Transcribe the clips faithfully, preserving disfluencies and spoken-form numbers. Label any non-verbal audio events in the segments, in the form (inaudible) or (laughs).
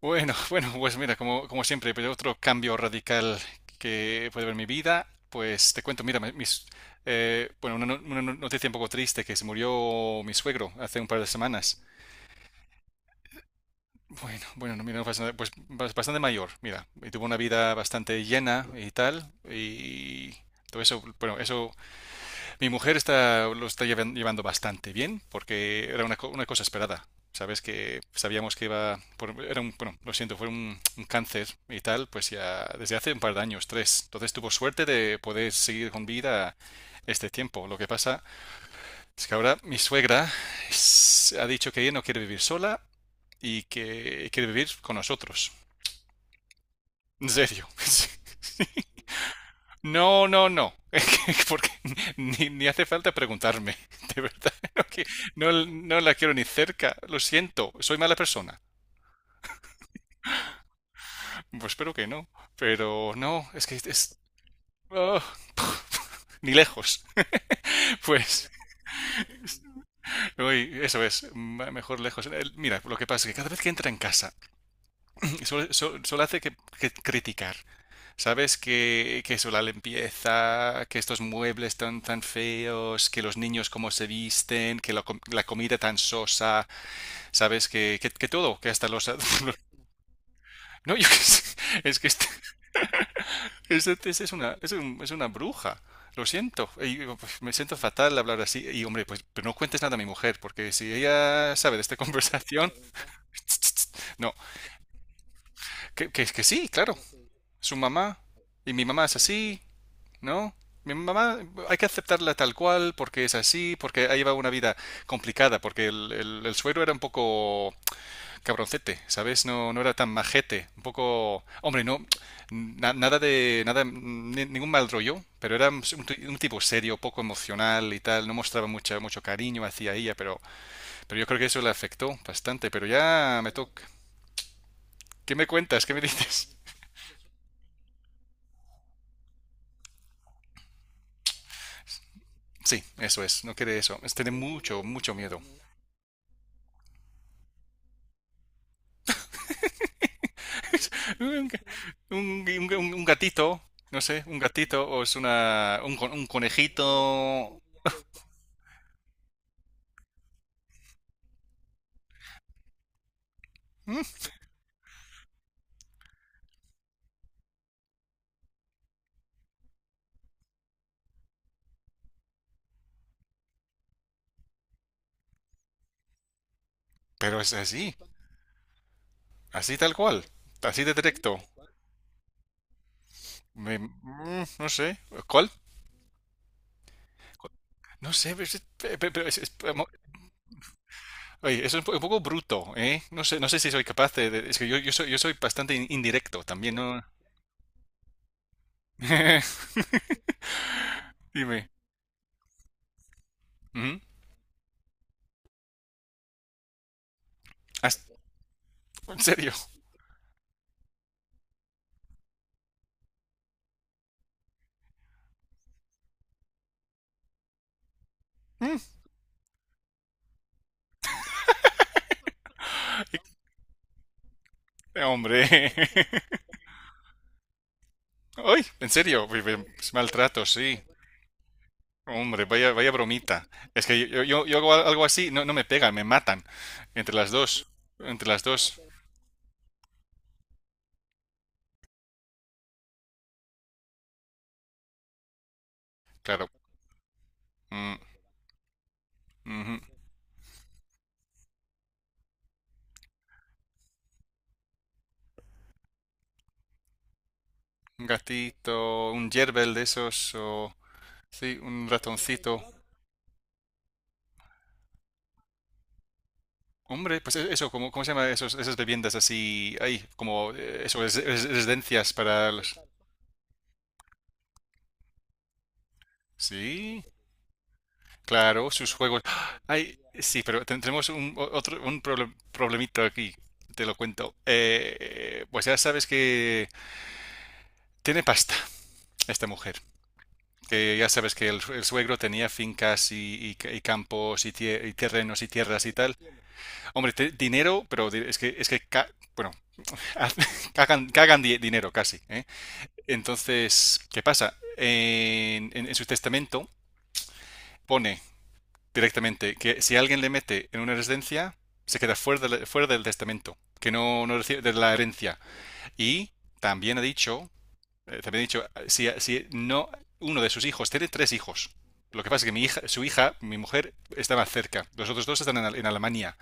Bueno, (laughs) bueno, pues mira, como, como siempre, pero otro cambio radical que puede haber en mi vida, pues te cuento, mira, mis, eh, bueno, una, no- una no- noticia un poco triste, que se murió mi suegro hace un par de semanas. Bueno, bueno, no, mira, no pasa nada, pues bas- bastante mayor, mira, y tuvo una vida bastante llena y tal, y todo eso, bueno, eso mi mujer está, lo está llevan- llevando bastante bien porque era una, co- una cosa esperada. Sabes que sabíamos que iba, por- era un, bueno, lo siento, fue un, un cáncer y tal, pues ya desde hace un par de años, tres. Entonces tuvo suerte de poder seguir con vida este tiempo. Lo que pasa es que ahora mi suegra s- ha dicho que ella no quiere vivir sola y que quiere vivir con nosotros. En serio. (laughs) No, no, no. (laughs) Porque ni, ni hace falta preguntarme. (laughs) De verdad. No, qui- no, no la quiero ni cerca. Lo siento. Soy mala persona. Pues espero que no. Pero no, es que es... ah, (laughs) ni lejos. (laughs) Pues, uy, eso es, m- mejor lejos. El- Mira, lo que pasa es que cada vez que entra en casa, (clears throat) solo, solo- solo hace que, que criticar. ¿Sabes? Que, que eso, la limpieza, que estos muebles tan, tan feos, que los niños cómo se visten, que la, com- la comida tan sosa, ¿sabes? Que, que, que todo, que hasta los... ad- (laughs) No, yo qué sé, es que este, este- este es una, es un- es una bruja, lo siento, y, pues, me siento fatal de hablar así, y hombre, pues pero no cuentes nada a mi mujer, porque si ella sabe de esta conversación... (laughs) No, que, que, que sí, claro, su mamá, y mi mamá es así, ¿no? Mi mamá hay que aceptarla tal cual porque es así, porque ella lleva una vida complicada, porque el, el, el suegro era un poco cabroncete, ¿sabes? No, no era tan majete, un poco... Hombre, no, na- nada de... nada ni- ningún mal rollo, pero era un, t- un tipo serio, poco emocional y tal, no mostraba mucha, mucho cariño hacia ella, pero, pero yo creo que eso le afectó bastante, pero ya me toca... ¿Qué me cuentas? ¿Qué me dices? (laughs) Sí, eso es, no quiere eso, es tener mucho, mucho miedo. Un, un- un- un gatito, no sé, un gatito o es una, un, con- un conejito. Mm. Pero es así, así tal cual, así de directo. Me- mm, no sé, ¿cuál? No sé, pero, es- pe- pe- pero es- es- mo- oye, eso es un po- un poco bruto, ¿eh? No sé, no sé si soy capaz de, de- es que yo, yo soy, yo soy bastante in- indirecto también, ¿no? (laughs) Dime. Ujú. Has- ¿En serio? Mm. Hombre. (laughs) Ay, en serio, vi- vi- maltrato, sí. Hombre, vaya, vaya bromita. Es que yo, yo- yo hago algo así, no, no me pegan, me matan. Entre las dos. Entre las dos. Claro. Mm, ujú. Un gatito, un yerbel de esos, o... Sí, un ratoncito. Hombre, pues e- eso, ¿cómo, ¿cómo se llama esos, esas bebiendas así? Ahí, como... eh, eso, es, es- residencias para los... Sí, claro, sus juegos. ¡Ah! Ay, sí, pero tendremos un, o- otro, un problem- problemita aquí. Te lo cuento. Eh, pues ya sabes que... Tiene pasta esta mujer. Que ya sabes que el, el suegro tenía fincas y, y- y campos y, tie- y terrenos y tierras y tal. Hombre, te- dinero, pero es que, es que ca- bueno, (laughs) cagan, cagan di- dinero casi, ¿eh? Entonces, ¿qué pasa? En, en- en su testamento pone directamente que si alguien le mete en una residencia, se queda fuera, de la- fuera del testamento, que no, no recibe de la herencia. Y también ha dicho eh, también he dicho, eh, si, si no, uno de sus hijos tiene tres hijos. Lo que pasa es que mi hija, su hija, mi mujer, está más cerca. Los otros dos están en, Al- en Alemania.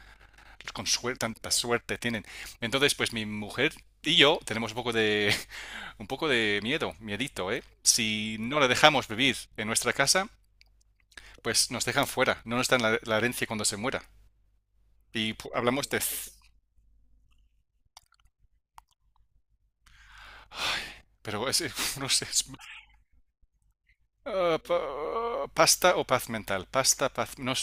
Con suerte, tanta suerte tienen. Entonces, pues mi mujer y yo tenemos un poco de, (laughs) un poco de miedo, miedito, ¿eh? Si no la dejamos vivir en nuestra casa, pues nos dejan fuera. No nos dan la, la herencia cuando se muera. Y pu- hablamos de... c- Pero es, (laughs) no sé, es Ah, pa- eh, pasta o paz mental. Pasta, paz. No,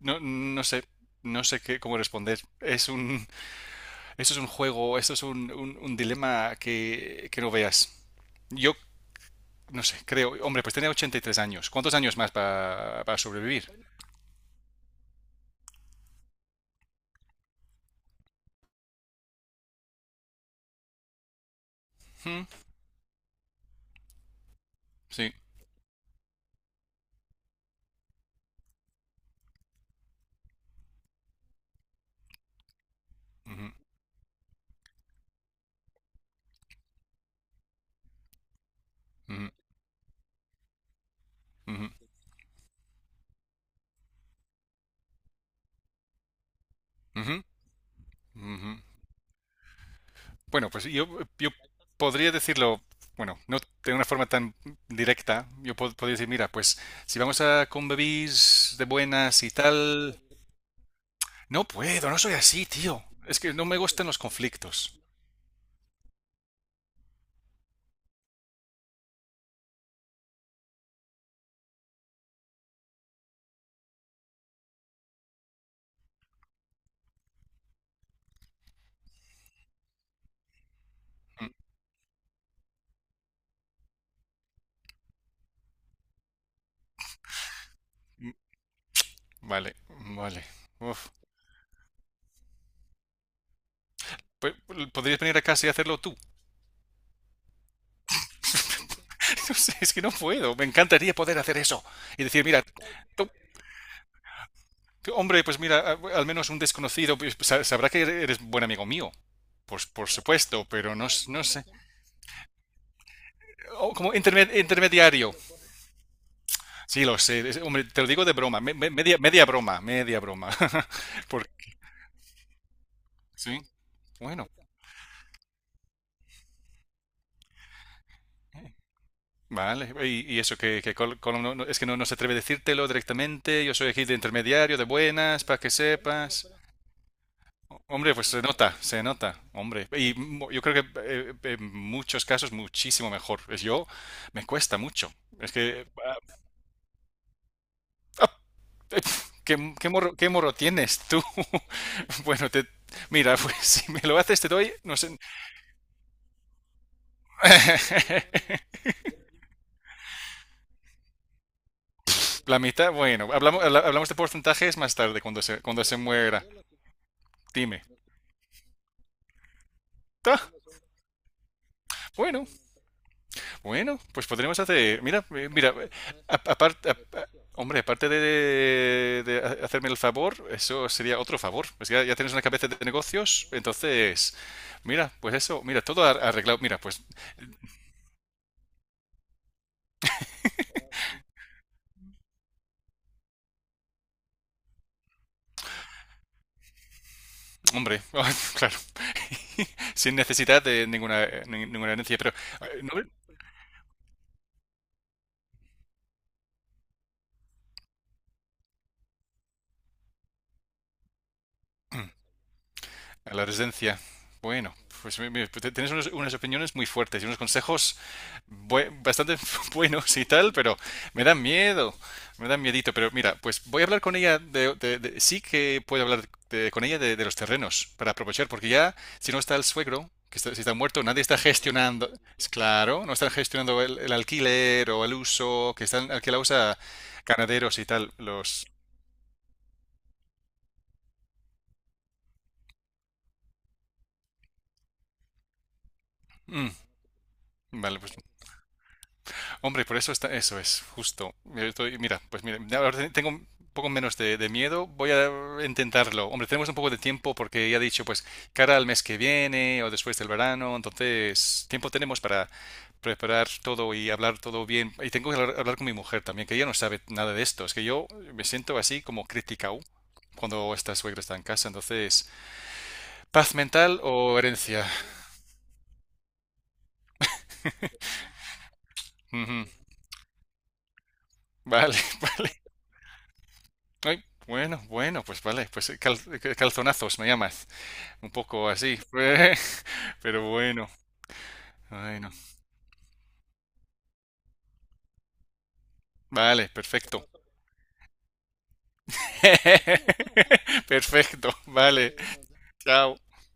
no, no sé. No sé qué, cómo responder. Es un, esto es un juego, esto es un, un- un dilema que, que no veas. Yo no sé, creo. Hombre, pues tenía ochenta y tres años. ¿Cuántos años más pa- para pa sobrevivir? Hmm. Sí. Ujú, ujú, ujú, ujú, ujú. Bueno, pues yo, yo podría decirlo, bueno, no de una forma tan directa. Yo pod- podría decir, mira, pues si vamos a convivir de buenas y tal. No puedo, no soy así, tío. Es que no me gustan los conflictos. Mm, mm, vale, vale. Uf. Pe- ¿Podrías venir a casa y hacerlo tú? (laughs) No sé, es que no puedo. Me encantaría poder hacer eso. Y decir, mira, tú- tú, hombre, pues mira, a- al menos un desconocido pues, sa- sabrá que eres buen amigo mío. Pues por supuesto, pero no, s- no sé. O como interme- intermediario. Sí, lo sé. Es- Hombre, te lo digo de broma. me- me- media, media broma, media broma. (laughs) Por- sí. Bueno, vale, y, y eso que, que Col- Colom no- no- es que no, no se atreve a decírtelo directamente, yo soy aquí de intermediario, de buenas, para que sepas. O- Hombre, pues se nota, se nota, hombre. Y mo- yo creo que eh, en muchos casos muchísimo mejor. Es yo, me cuesta mucho. Es que, ah, (laughs) ¿qué, ¿qué morro, qué morro tienes tú? (laughs) Bueno, te, mira, pues (laughs) si me lo haces te doy, no sé. (laughs) La mitad, bueno, hablamos, habla- hablamos de porcentajes más tarde, cuando se, cuando se muera. Dime. Ah, bueno. Bueno, pues podremos hacer. Mira, eh, mira, aparte, hombre, aparte de, de ha- hacerme el favor, eso sería otro favor. Pues ya, ya tienes una cabeza de negocios, entonces, mira, pues eso, mira, todo ar- arreglado. Mira, pues, hombre, (laughs) claro, (laughs) sin necesidad de ninguna, eh, ni- ninguna herencia, pero, eh, no, a la residencia. Bueno, pues mi- mi- pues, tienes unas, unas opiniones muy fuertes y unos consejos bue- bastante (laughs) buenos y tal, pero me dan miedo, me dan miedito. Pero mira, pues voy a hablar con ella de, de- de- sí que puedo hablar de- con ella de, de los terrenos para aprovechar, porque ya si no está el suegro, que está- si está muerto, nadie está gestionando, es claro, no están gestionando el, el alquiler o el uso, que están alquilados a ganaderos y tal, los... Mm, vale, pues hombre, por eso está, eso es, justo. Yo estoy- mira, pues mira, ahora te- tengo un poco menos de, de miedo, voy a intentarlo. Hombre, tenemos un poco de tiempo porque ya he dicho, pues, cara al mes que viene o después del verano, entonces tiempo tenemos para preparar todo y hablar todo bien. Y tengo que hablar hablar con mi mujer también, que ella no sabe nada de esto. Es que yo me siento así como criticado cuando esta suegra está en casa. Entonces, paz mental o herencia. Ujú. Vale, (laughs) vale. Ay, bueno, bueno, pues vale, pues eh, cal- eh, calzonazos me llamas, un poco así, (laughs) pero bueno, bueno, vale, perfecto, (laughs) perfecto, vale, chao.